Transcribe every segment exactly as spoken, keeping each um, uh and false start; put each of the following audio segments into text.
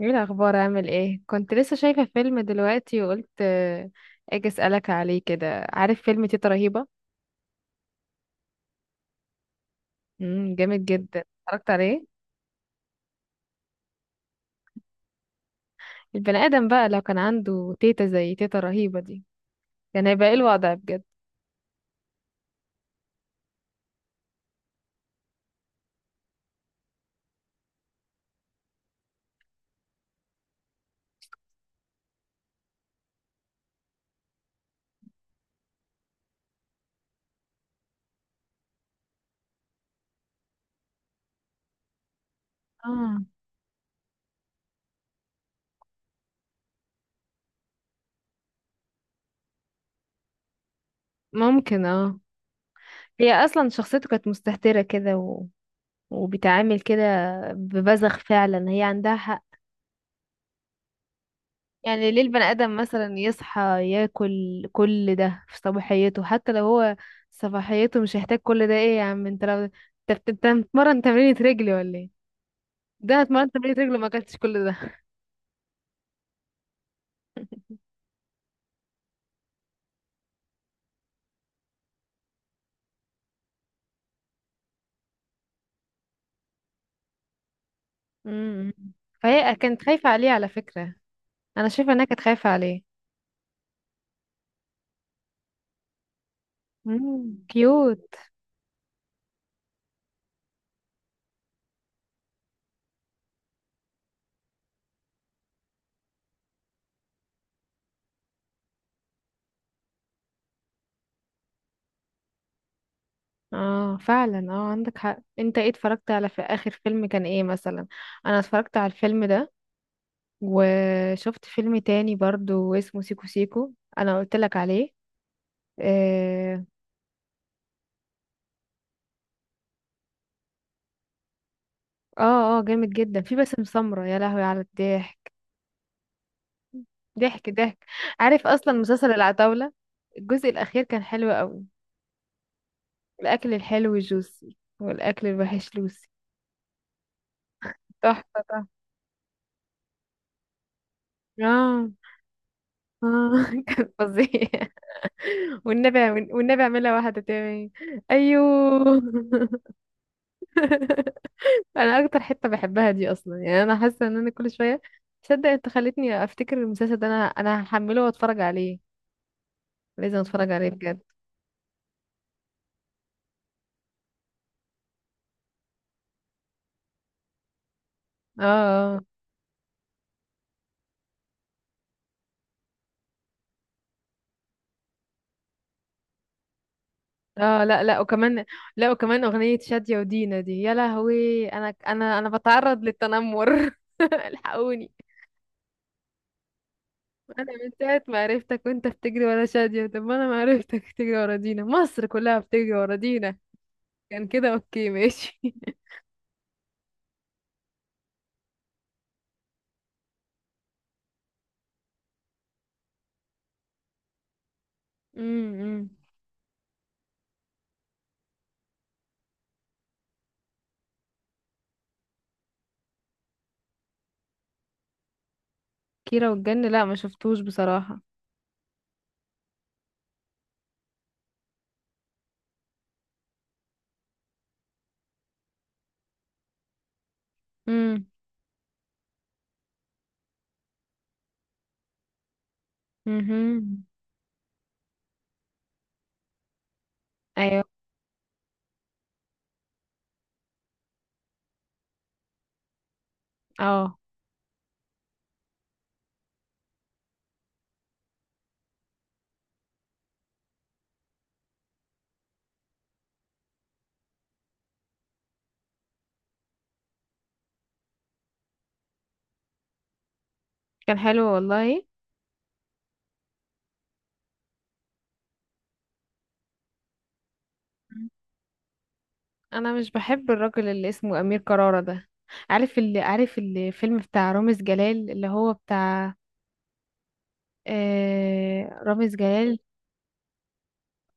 ايه الاخبار؟ عامل ايه؟ كنت لسه شايفه فيلم دلوقتي وقلت آه، اجي اسالك عليه كده. عارف فيلم تيتا رهيبه؟ امم جامد جدا، اتفرجت عليه. البني ادم بقى لو كان عنده تيتا زي تيتا رهيبه دي، كان هيبقى ايه الوضع بجد؟ اه، ممكن. اه، هي اصلا شخصيته كانت مستهتره كده و... وبتعامل كده ببذخ، فعلا هي عندها حق. يعني ليه البني آدم مثلا يصحى ياكل كل ده في صباحيته؟ حتى لو هو صباحيته مش هيحتاج كل ده. ايه يا عم انت؟ لو انت بت- انت بتتمرن تمرينة رجلي ولا ايه؟ ده أنا اتمرنت تمرينة رجلي وما اكلتش كل ده. امم فهي كانت خايفة عليه على فكرة، انا شايفة انها كانت خايفة عليه. امم كيوت. اه فعلا، اه عندك حق. انت ايه اتفرجت على، في اخر فيلم كان ايه مثلا؟ انا اتفرجت على الفيلم ده، وشفت فيلم تاني برضو اسمه سيكو سيكو، انا قلت لك عليه. اه. اه آه، جامد جدا. في باسم سمرة، يا لهوي على الضحك، ضحك ضحك. عارف اصلا مسلسل العتاولة؟ الجزء الاخير كان حلو قوي. الاكل الحلو جوسي والاكل الوحش لوسي. تحفة تحفة. اه اه كان فظيع. والنبي، والنبي اعملها واحدة تاني. ايوه. انا اكتر حتة بحبها دي اصلا، يعني انا حاسة ان انا كل شوية. تصدق انت خلتني افتكر المسلسل ده؟ انا انا هحمله واتفرج عليه، لازم اتفرج عليه بجد. اه آه. اه لا لا، وكمان، لا وكمان اغنية شادية ودينا دي، يا لهوي، انا انا انا بتعرض للتنمر الحقوني. انا من ساعة ما عرفتك وانت بتجري ورا شادية، طب ما انا ما عرفتك بتجري ورا دينا، مصر كلها بتجري ورا دينا. كان كده اوكي ماشي امم كيرة والجن لا ما شفتوش بصراحة. امم امم ايوه. اه كان حلو والله. انا مش بحب الراجل اللي اسمه امير كرارة ده. عارف اللي، عارف الفيلم بتاع رامز جلال اللي هو بتاع آه رامز جلال؟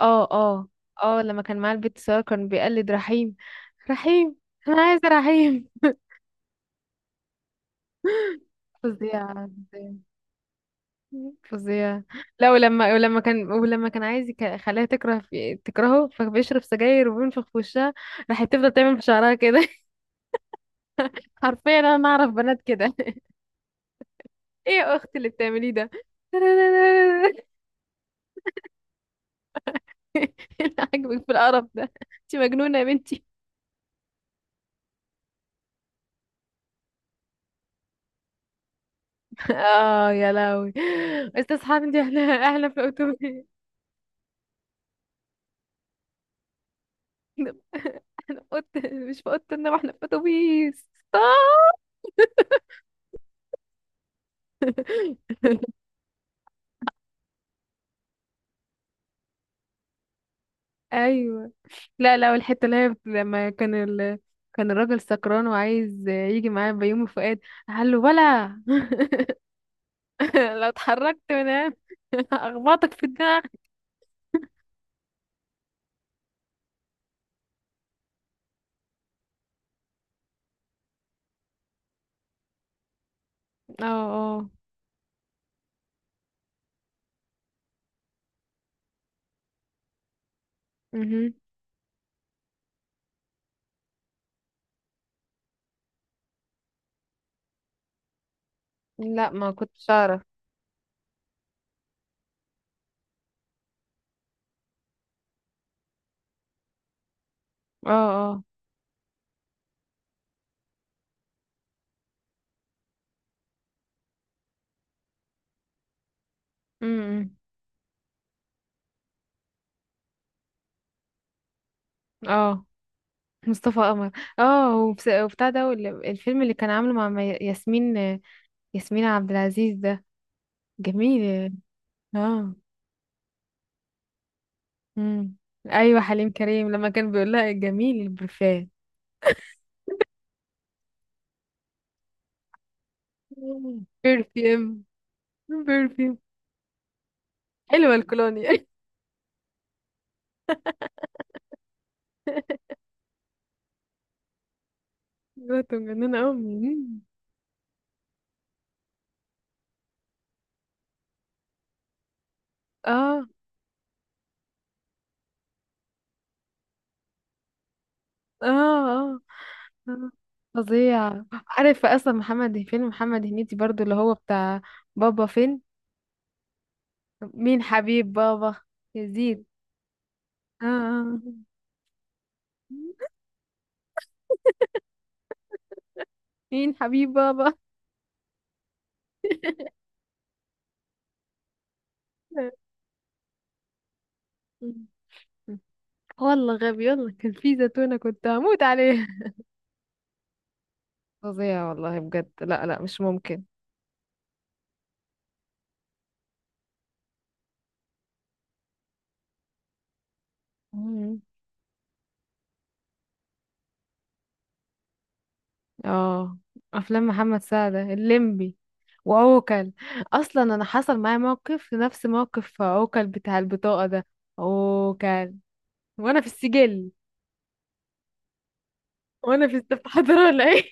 اه اه. اه لما كان معاه البيت سارة كان بيقلد رحيم، رحيم. انا عايزة رحيم. فظيع فظيع فظيع. لا ولما ولما كان ولما كان عايز يك- يخليها تكره، في تكرهه فبيشرب سجاير وبينفخ في وشها. راحت تفضل تعمل في شعرها كده. حرفيا انا اعرف بنات كده. ايه يا اختي اللي بتعمليه ده؟ إيه اللي عاجبك في القرف ده؟ انت مجنونه يا بنتي. اه يا لهوي. بس اصحاب، انت، احنا احنا في الاتوبيس، احنا احنا في أوضة- مش في اوضه النوم، احنا في اتوبيس. ايوه. لا لا، والحته اللي هي بت- لما كان ال... كان الراجل سكران وعايز يجي معاه بيومي فؤاد، قال له ولا لو اتحركت من هنا اخبطك في دماغك. اه اه. مهم. لا ما كنتش اعرف. اه اه. امم اه مصطفى قمر. اه وبس- وبتاع ده وال- الفيلم اللي كان عامله مع ما- ياسمين، ياسمين عبد العزيز ده جميل. اه. امم ايوه حليم كريم لما كان بيقول لها جميل البرفان. برفيوم، برفيوم، حلوه الكولوني. بنت مجننه امي. اه اه اه آه. فظيع. عارف اصلا محمد، فيلم محمد هنيدي برضو اللي هو بتاع بابا فين، مين حبيب بابا يزيد؟ اه آه. مين حبيب بابا؟ والله غبي، يلا كان في زيتونة كنت هموت عليها. فظيع والله بجد، لا لا مش ممكن. مم. اه افلام محمد سعد، الليمبي وعوكل. اصلا انا حصل معايا موقف نفس موقف عوكل بتاع البطاقة ده، عوكل وانا في السجل. وانا في استفحضر ولا ايه؟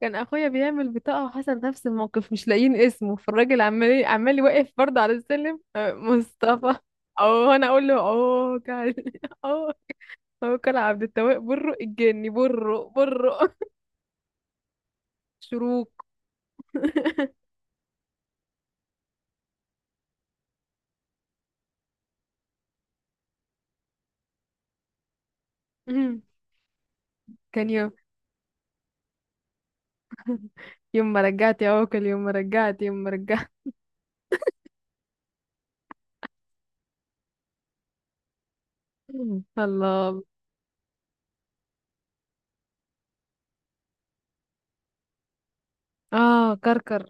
كان اخويا بيعمل بطاقه وحصل نفس الموقف، مش لاقيين اسمه، فالراجل عمال عمال واقف برضه على السلم آه، مصطفى، او انا اقول له اوه، كان اوه. هو كان عبد التواب برو الجني، برو برو شروق. مم. كان يوم، يوم ما رجعت يا عوكل، يوم ما رجعت، يوم ما رجعت. الله. اه كركر.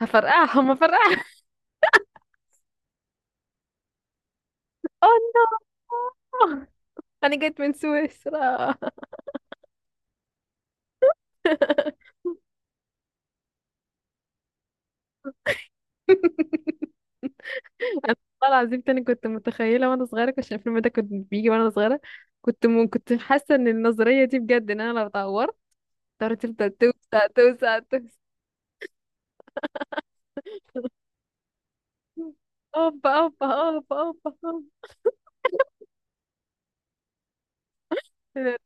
هفرقعهم هفرقعهم. اوه. نو، انا جيت من سويسرا. انا والله العظيم، تاني كنت متخيله وانا صغيره، كنت عشان الفيلم ده كنت بيجي وانا صغيره، كنت م... كنت حاسه ان النظريه دي بجد، ان انا لو اتعورت تعرف تفضل توسع توسع توسع. اوبا اوبا اوبا اوبا. أوبا.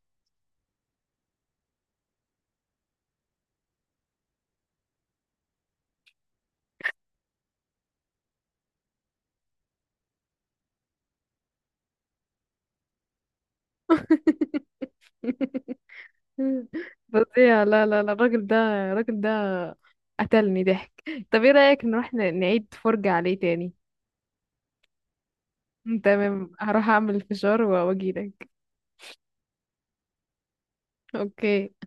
فظيع. لا لا لا، الراجل ده الراجل ده قتلني ضحك. طب ايه رايك نروح، ن- نعيد فرجه عليه تاني؟ تمام، هروح اعمل الفشار واجيلك. اوكي.